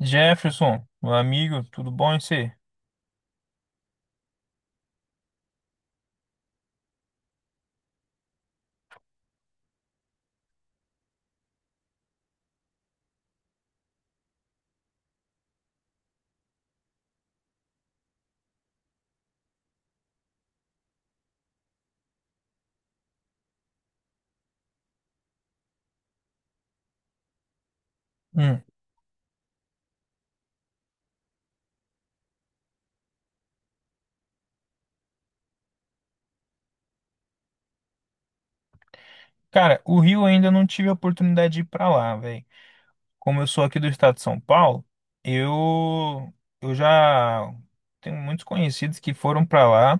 Jefferson, meu amigo, tudo bom em você? Hum. Cara, o Rio ainda não tive a oportunidade de ir pra lá, velho. Como eu sou aqui do estado de São Paulo, eu eu já tenho muitos conhecidos que foram pra lá.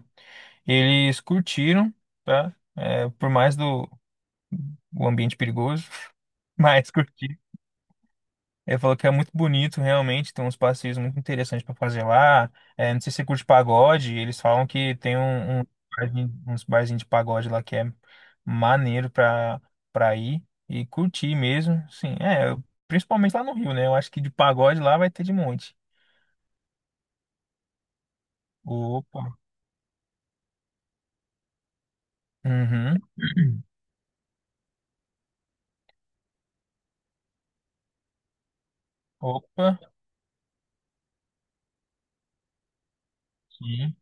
Eles curtiram, tá? É, por mais do o ambiente perigoso, mas curtiram. Ele falou que é muito bonito, realmente, tem uns passeios muito interessantes para fazer lá. É, não sei se você curte pagode, eles falam que tem um barzinho- uns barzinhos de pagode lá que é maneiro para ir e curtir mesmo. Sim, é, eu- principalmente lá no Rio, né? Eu acho que de pagode lá vai ter de monte. Opa. Uhum. Opa. Sim.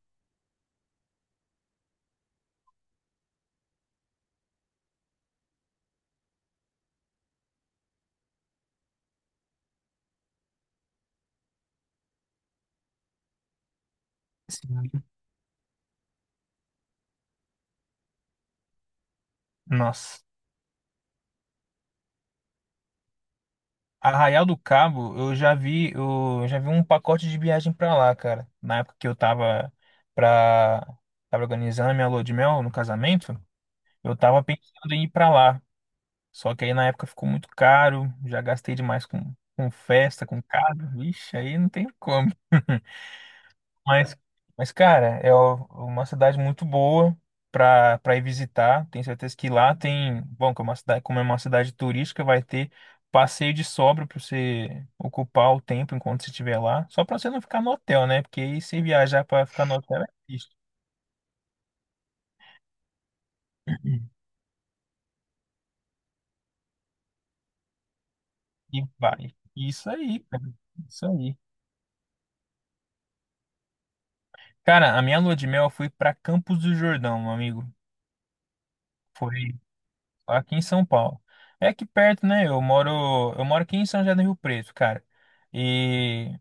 Sim. Nossa. Arraial do Cabo, eu já vi um pacote de viagem pra lá, cara. Na época que eu tava pra, tava organizando a minha lua de mel no casamento, eu tava pensando em ir pra lá. Só que aí na época ficou muito caro, já gastei demais com festa, com carro. Vixe, aí não tem como. Mas, mas cara, é o- uma cidade muito boa para ir visitar. Tenho certeza que lá tem, bom, que é uma cidade, como é uma cidade turística, vai ter passeio de sobra para você ocupar o tempo enquanto você estiver lá, só para você não ficar no hotel, né? Porque aí se viajar para ficar no hotel é triste. E vai. Isso aí, cara. Isso aí. Cara, a minha lua de mel foi para Campos do Jordão, meu amigo. Foi aqui em São Paulo. É aqui perto, né? Eu moro aqui em São José do Rio Preto, cara. E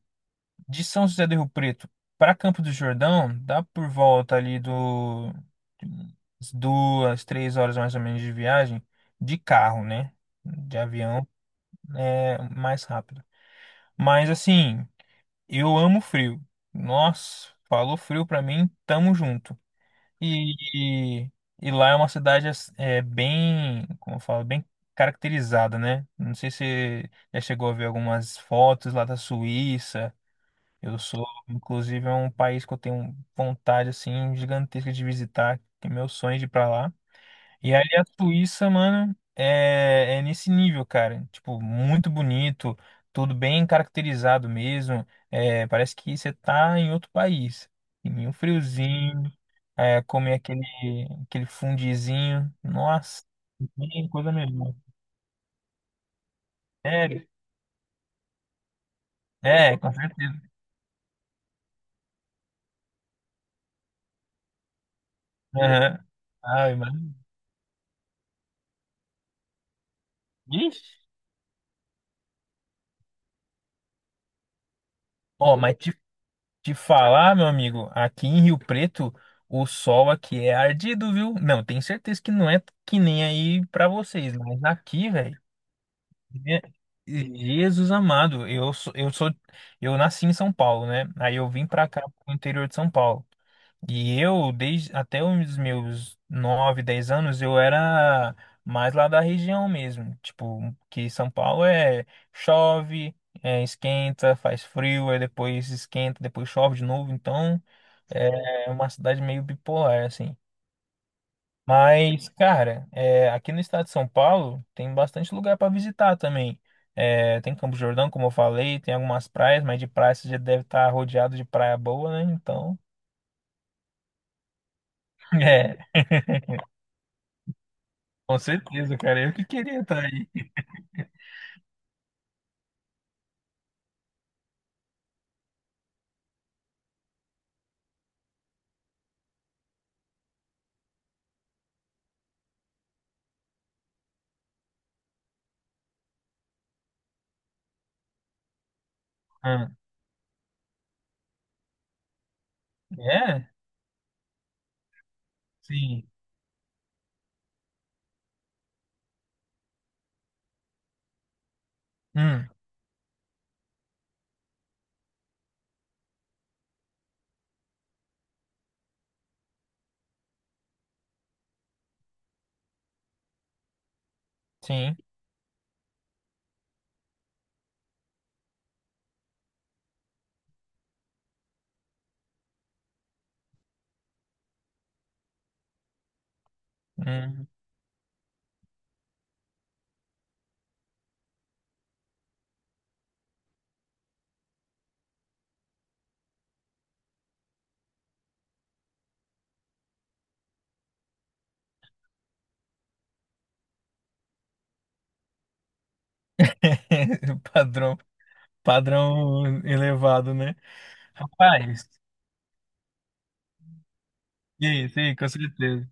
de São José do Rio Preto para Campo do Jordão, dá por volta ali do umas duas, três horas mais ou menos de viagem de carro, né? De avião é mais rápido. Mas assim, eu amo frio. Nossa, falou frio pra mim, tamo junto. E, e lá é uma cidade ass- é, bem, como eu falo, bem caracterizada, né? Não sei se você já chegou a ver algumas fotos lá da Suíça. Eu sou, inclusive, é um país que eu tenho vontade assim gigantesca de visitar, que é meu sonho de ir para lá. E aí a Suíça, mano, é nesse nível, cara. Tipo, muito bonito, tudo bem caracterizado mesmo. É, parece que você tá em outro país. Em um friozinho, é, comer aquele, aquele fundizinho. Nossa, que coisa melhor. Sério? É, com certeza. Aham. Ai, mano. Ixi. Ó, mas de falar, meu amigo, aqui em Rio Preto, o sol aqui é ardido, viu? Não, tenho certeza que não é que nem aí pra vocês, mas aqui, velho. Je- Jesus amado, eu sou, eu nasci em São Paulo, né? Aí eu vim pra cá, pro interior de São Paulo. E eu, desde até os meus 9 10 anos, eu era mais lá da região mesmo. Tipo, que São Paulo é chove, é, esquenta, faz frio, aí depois esquenta, depois chove de novo. Então, é uma cidade meio bipolar, assim. Mas, cara, é, aqui no estado de São Paulo tem bastante lugar para visitar também. É, tem Campo Jordão, como eu falei, tem algumas praias, mas de praia você já deve estar rodeado de praia boa, né? Então, é, com certeza, cara. Eu que queria estar aí. Ah, é? Sim. Hum, sim. Hum. Padrão, padrão elevado, né? Rapaz, e aí, sim, com certeza.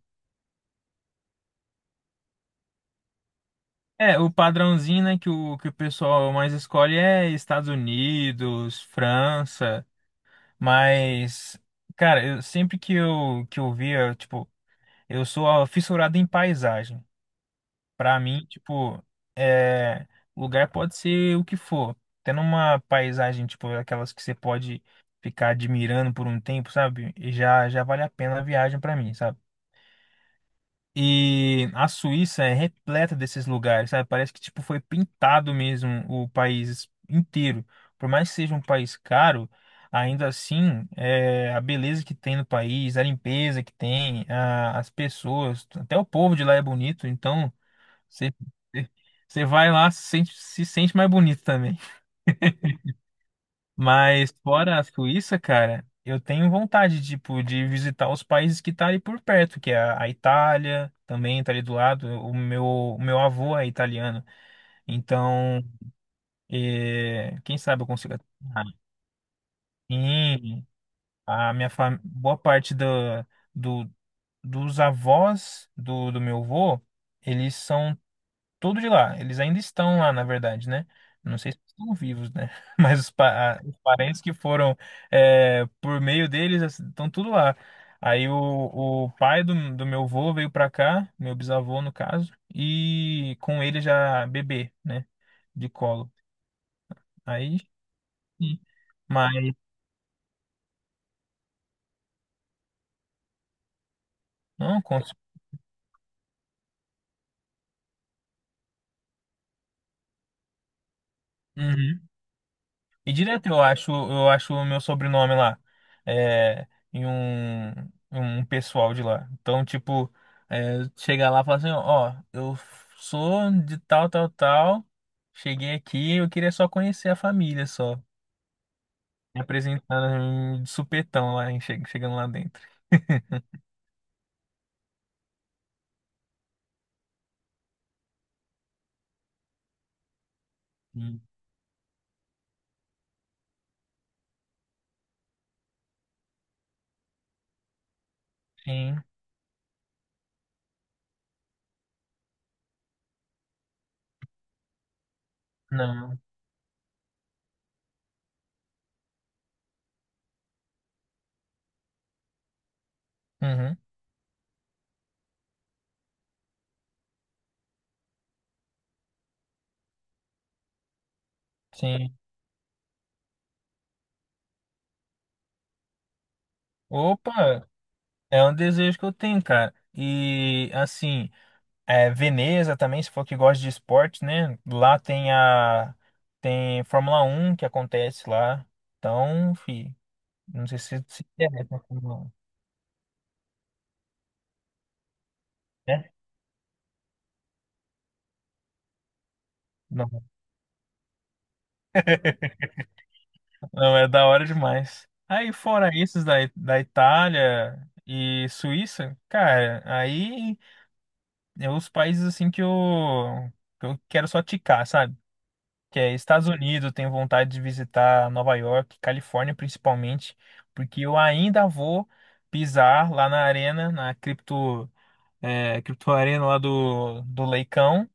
É, o padrãozinho, né, que que o pessoal mais escolhe é Estados Unidos, França, mas, cara, eu, sempre que eu via, tipo, eu sou fissurado em paisagem. Pra mim, tipo, é, lugar pode ser o que for. Tendo uma paisagem, tipo, aquelas que você pode ficar admirando por um tempo, sabe? E já vale a pena a viagem pra mim, sabe? E a Suíça é repleta desses lugares, sabe? Parece que tipo foi pintado mesmo o país inteiro. Por mais que seja um país caro, ainda assim, é, a beleza que tem no país, a limpeza que tem, a- as pessoas, até o povo de lá é bonito, então você você vai lá se sente, se sente mais bonito também. Mas fora a Suíça, cara, eu tenho vontade, tipo, de visitar os países que tá ali por perto, que é a Itália, também tá ali do lado. O meu avô é italiano, então, eh, quem sabe eu consigo... Ah, sim, a minha fam... boa parte do, do, dos avós do, do meu avô, eles são tudo de lá. Eles ainda estão lá, na verdade, né? Não sei se estão vivos, né? Mas os, pa- a- os parentes que foram é, por meio deles assim, estão tudo lá. Aí o pai do, do meu avô veio pra cá, meu bisavô no caso, e com ele já bebê, né? De colo. Aí, sim. Mas não, com, uhum. E direto eu acho o meu sobrenome lá, é, em um, em um pessoal de lá. Então, tipo, é, chegar lá e falar assim, ó, eu sou de tal, tal, tal, cheguei aqui, eu queria só conhecer a família só. Me apresentando de supetão lá, hein, che- chegando lá dentro. Sim. Sim, não. Uhum, sim. Opa, é um desejo que eu tenho, cara. E assim. É, Veneza também, se for que gosta de esporte, né? Lá tem a tem Fórmula Um que acontece lá. Então, fi, não sei se interessa pra Fórmula 1, né? Não, não é da hora demais. Aí fora esses da, da Itália e Suíça, cara, aí é os países assim que eu quero só ticar, sabe? Que é Estados Unidos, tenho vontade de visitar Nova York, Califórnia principalmente, porque eu ainda vou pisar lá na arena, na cripto, é, cripto arena lá do, do Leicão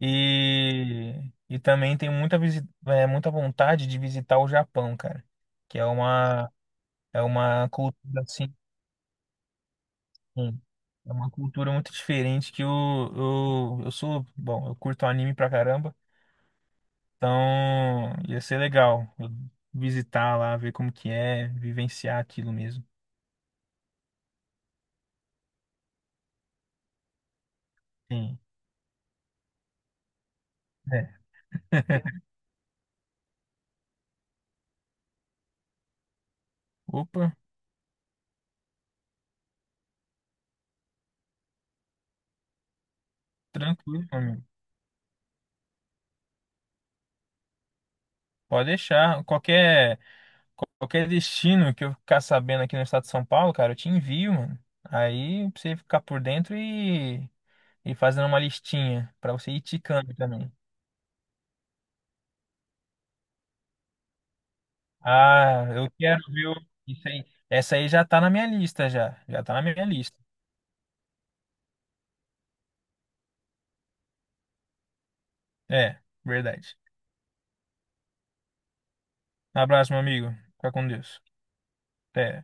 e, e também tenho muita, visi- é, muita vontade de visitar o Japão, cara, que é uma cultura assim, é uma cultura muito diferente que eu, eu sou, bom, eu curto anime pra caramba. Então, ia ser legal eu visitar lá, ver como que é, vivenciar aquilo mesmo. Sim. É. Opa, tranquilo, meu amigo. Pode deixar. Qualquer, qualquer destino que eu ficar sabendo aqui no estado de São Paulo, cara, eu te envio, mano. Aí pra você ficar por dentro e fazendo uma listinha pra você ir ticando também. Ah, eu quero, viu? Isso aí. Essa aí já tá na minha lista, já. Já tá na minha lista. É, verdade. Um abraço, meu amigo. Fica com Deus. Até.